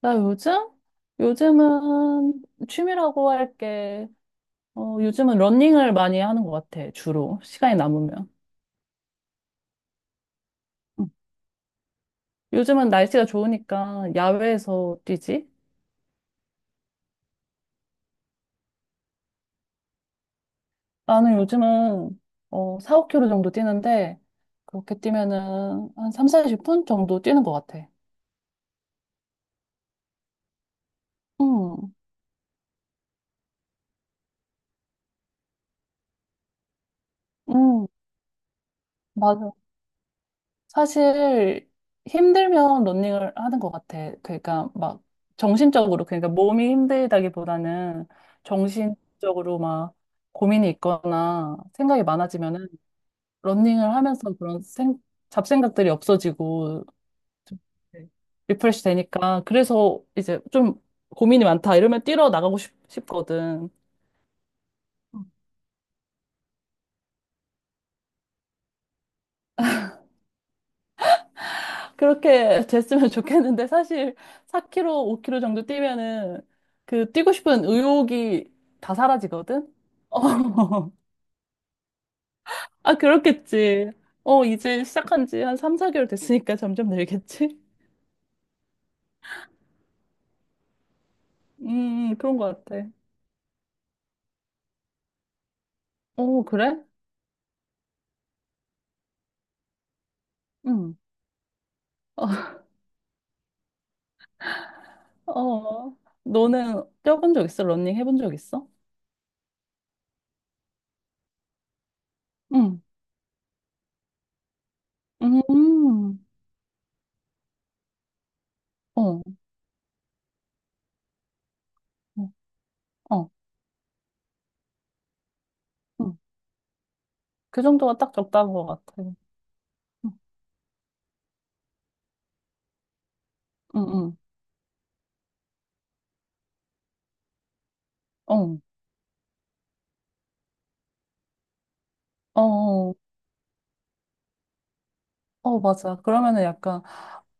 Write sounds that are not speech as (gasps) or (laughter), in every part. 나 요즘? 요즘은 취미라고 할 게, 요즘은 러닝을 많이 하는 것 같아, 주로. 시간이 남으면. 응. 요즘은 날씨가 좋으니까 야외에서 뛰지? 나는 요즘은, 4, 5 k 로 정도 뛰는데, 그렇게 뛰면은 한 3, 40분 정도 뛰는 것 같아. 응, 응, 맞아. 사실 힘들면 러닝을 하는 것 같아. 그러니까 막 정신적으로 그러니까 몸이 힘들다기보다는 정신적으로 막 고민이 있거나 생각이 많아지면은 러닝을 하면서 잡생각들이 없어지고 좀 리프레시 되니까 그래서 이제 좀 고민이 많다 이러면 뛰러 나가고 싶거든. 그렇게 됐으면 좋겠는데 사실 4km, 5km 정도 뛰면은 그 뛰고 싶은 의욕이 다 사라지거든? 어. (laughs) 아, 그렇겠지. 이제 시작한 지 한 3, 4개월 됐으니까 점점 늘겠지? 그런 것 같아. 어, 그래? 응. (laughs) 어, 어. 너는 뛰어본 적 있어? 러닝 해본 적 있어? 응. 음, 어, 어, 어. 응. 그 정도가 딱 적당한 것 같아. 응, 응, 응. 어, 어. 어. 어, 맞아. 그러면은 약간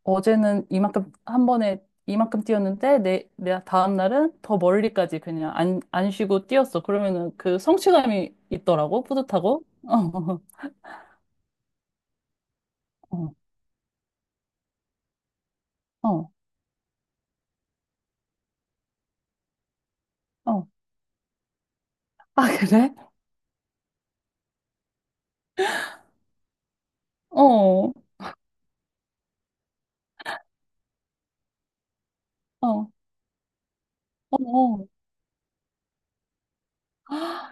어제는 이만큼 한 번에 이만큼 뛰었는데 내 다음 날은 더 멀리까지 그냥 안 쉬고 뛰었어. 그러면은 그 성취감이 있더라고. 뿌듯하고. (laughs) 어, 어, 어, 어. 아, 그래? 어, 어, 어, 어.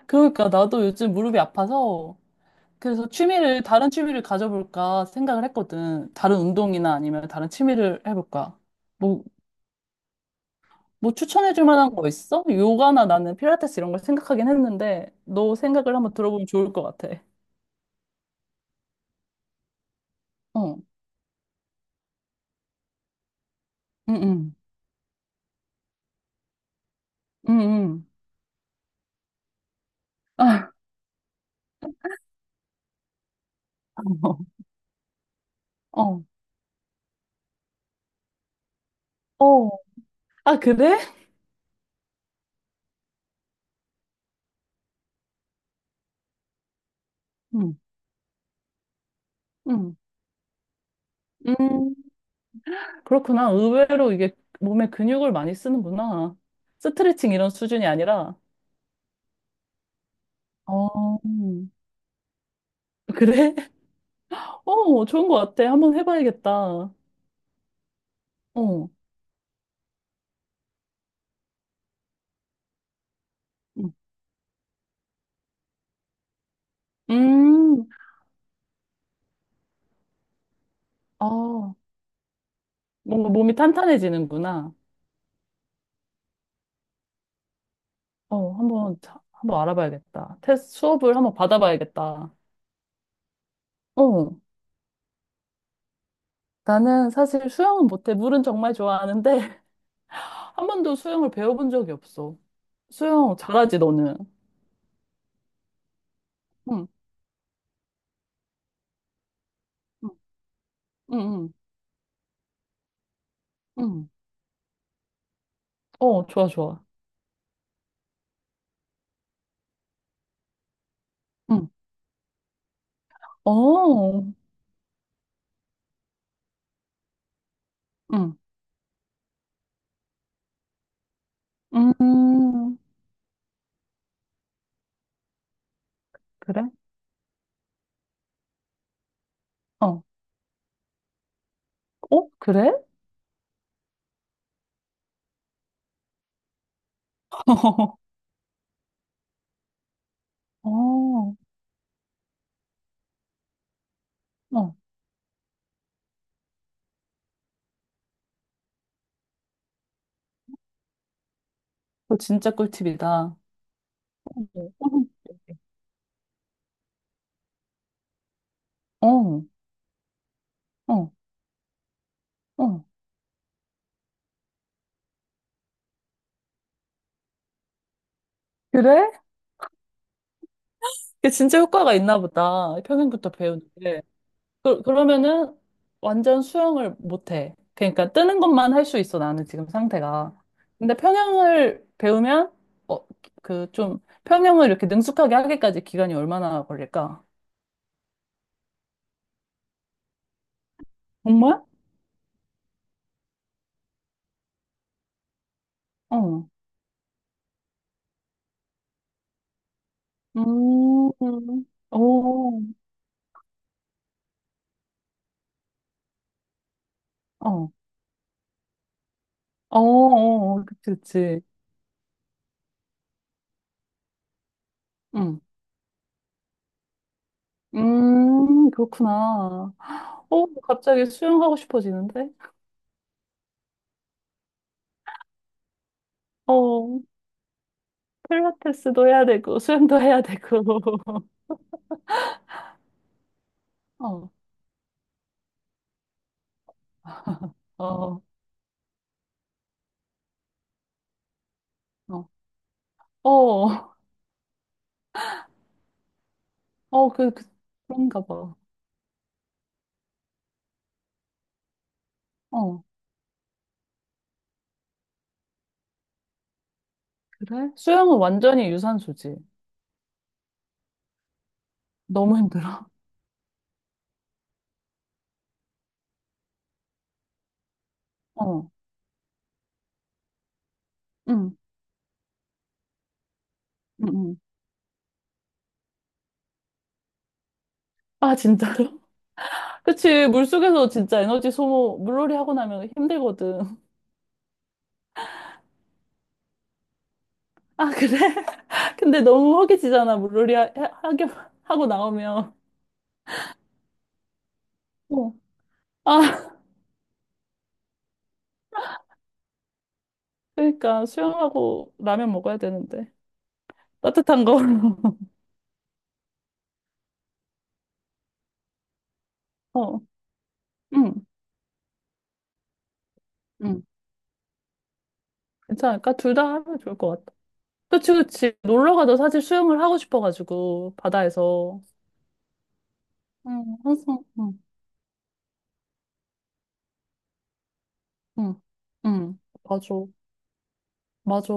그러니까 나도 요즘 무릎이 아파서 그래서 다른 취미를 가져볼까 생각을 했거든. 다른 운동이나 아니면 다른 취미를 해볼까. 뭐, 뭐 추천해 줄 만한 거 있어? 요가나 나는 필라테스 이런 걸 생각하긴 했는데 너 생각을 한번 들어보면 좋을 것 같아. 어, 응, 응, 응, 응. 아, (laughs) 어, 어, 어. 아, 그래? 응, 응, 음, 그렇구나. 의외로 이게 몸에 근육을 많이 쓰는구나. 스트레칭 이런 수준이 아니라. 어, 그래? (laughs) 어, 좋은 것 같아. 한번 해봐야겠다. 어, 음, 아, 뭔가 몸이 탄탄해지는구나. 한번 알아봐야겠다. 테스트 수업을 한번 받아봐야겠다. 어, 나는 사실 수영은 못해. 물은 정말 좋아하는데, (laughs) 한 번도 수영을 배워본 적이 없어. 수영 잘하지, 너는? 응, 응, 응, 응. 응. 어, 좋아, 좋아. 응. 어, 응. 음, 그래? 어, 어, 그래? (laughs) 어, 어, 그거 진짜 꿀팁이다. 어, 어, 어, 어. 그래? 그게 진짜 효과가 있나 보다. 평영부터 배우는데. 그러면은 완전 수영을 못해. 그러니까 뜨는 것만 할 수 있어, 나는 지금 상태가. 근데 평영을 배우면, 어, 그 좀, 평영을 이렇게 능숙하게 하기까지 기간이 얼마나 걸릴까? 정말? 어. 오, 어, 어, 어, 어, 그치, 그치. 응. 그렇구나. 갑자기 수영하고 싶어지는데? 어. 필라테스도 해야 되고 수영도 해야 되고 (laughs) 어, 어, 어, 어, 어, 그런가 봐. 어, 그래? 수영은 완전히 유산소지. 너무 힘들어. 어, 응, 응, 응. 아, 진짜로? (laughs) 그치, 물속에서 진짜 에너지 소모, 물놀이 하고 나면 힘들거든. 아, 그래? (laughs) 근데 너무 허기지잖아, 물놀이 하게, 하고 나오면. 어. 아, 그러니까 수영하고 라면 먹어야 되는데. 따뜻한 거. (laughs) 어, 응. 응. 괜찮을까? 둘 다 하면 좋을 것 같아. 그치, 그치. 놀러 가도 사실 수영을 하고 싶어가지고, 바다에서. 응, 항상, 응, 응, 응. 맞아, 맞아.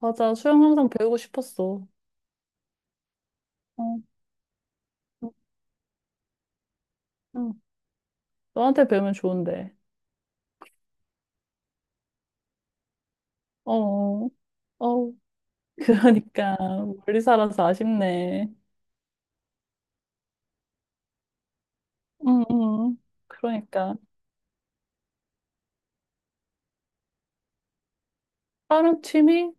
맞아, 수영 항상 배우고 싶었어. 어, 응. 너한테 배우면 좋은데. 어, 어. 어. (laughs) 그러니까, 멀리 살아서 아쉽네. 응, 응. 그러니까. 다른 취미?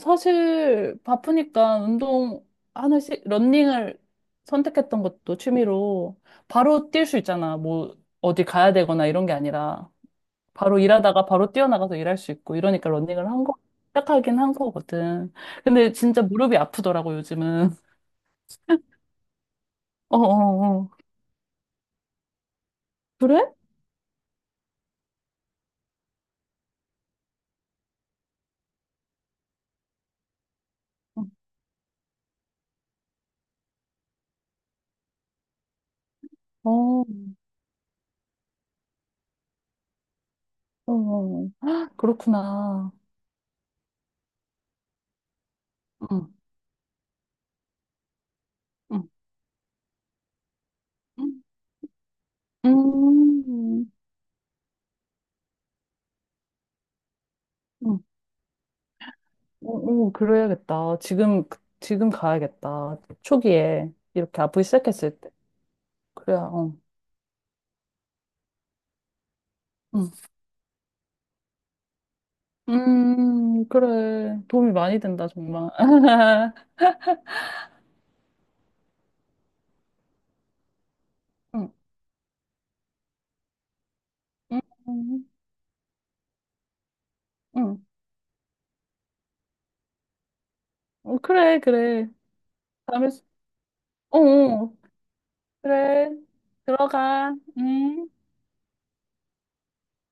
사실 바쁘니까 운동 하나씩 러닝을 선택했던 것도 취미로 바로 뛸 수 있잖아. 뭐 어디 가야 되거나 이런 게 아니라 바로 일하다가 바로 뛰어나가서 일할 수 있고 이러니까 시작하긴 한 거거든. 근데 진짜 무릎이 아프더라고 요즘은. (laughs) 어, 어, 어. 그래? 어, 어, 어. 헉, (gasps) 그렇구나. 응, 응, 응. 음, 음. 오, 그래야겠다. 지금 가야겠다. 초기에. 이렇게 아프기 시작했을 때. 그래야, 어. 응. 그래. 도움이 많이 된다, 정말. (laughs) 응, 응, 응. 응. 어, 그래, 그래. 다음에, 어, 어. 그래. 들어가. 응.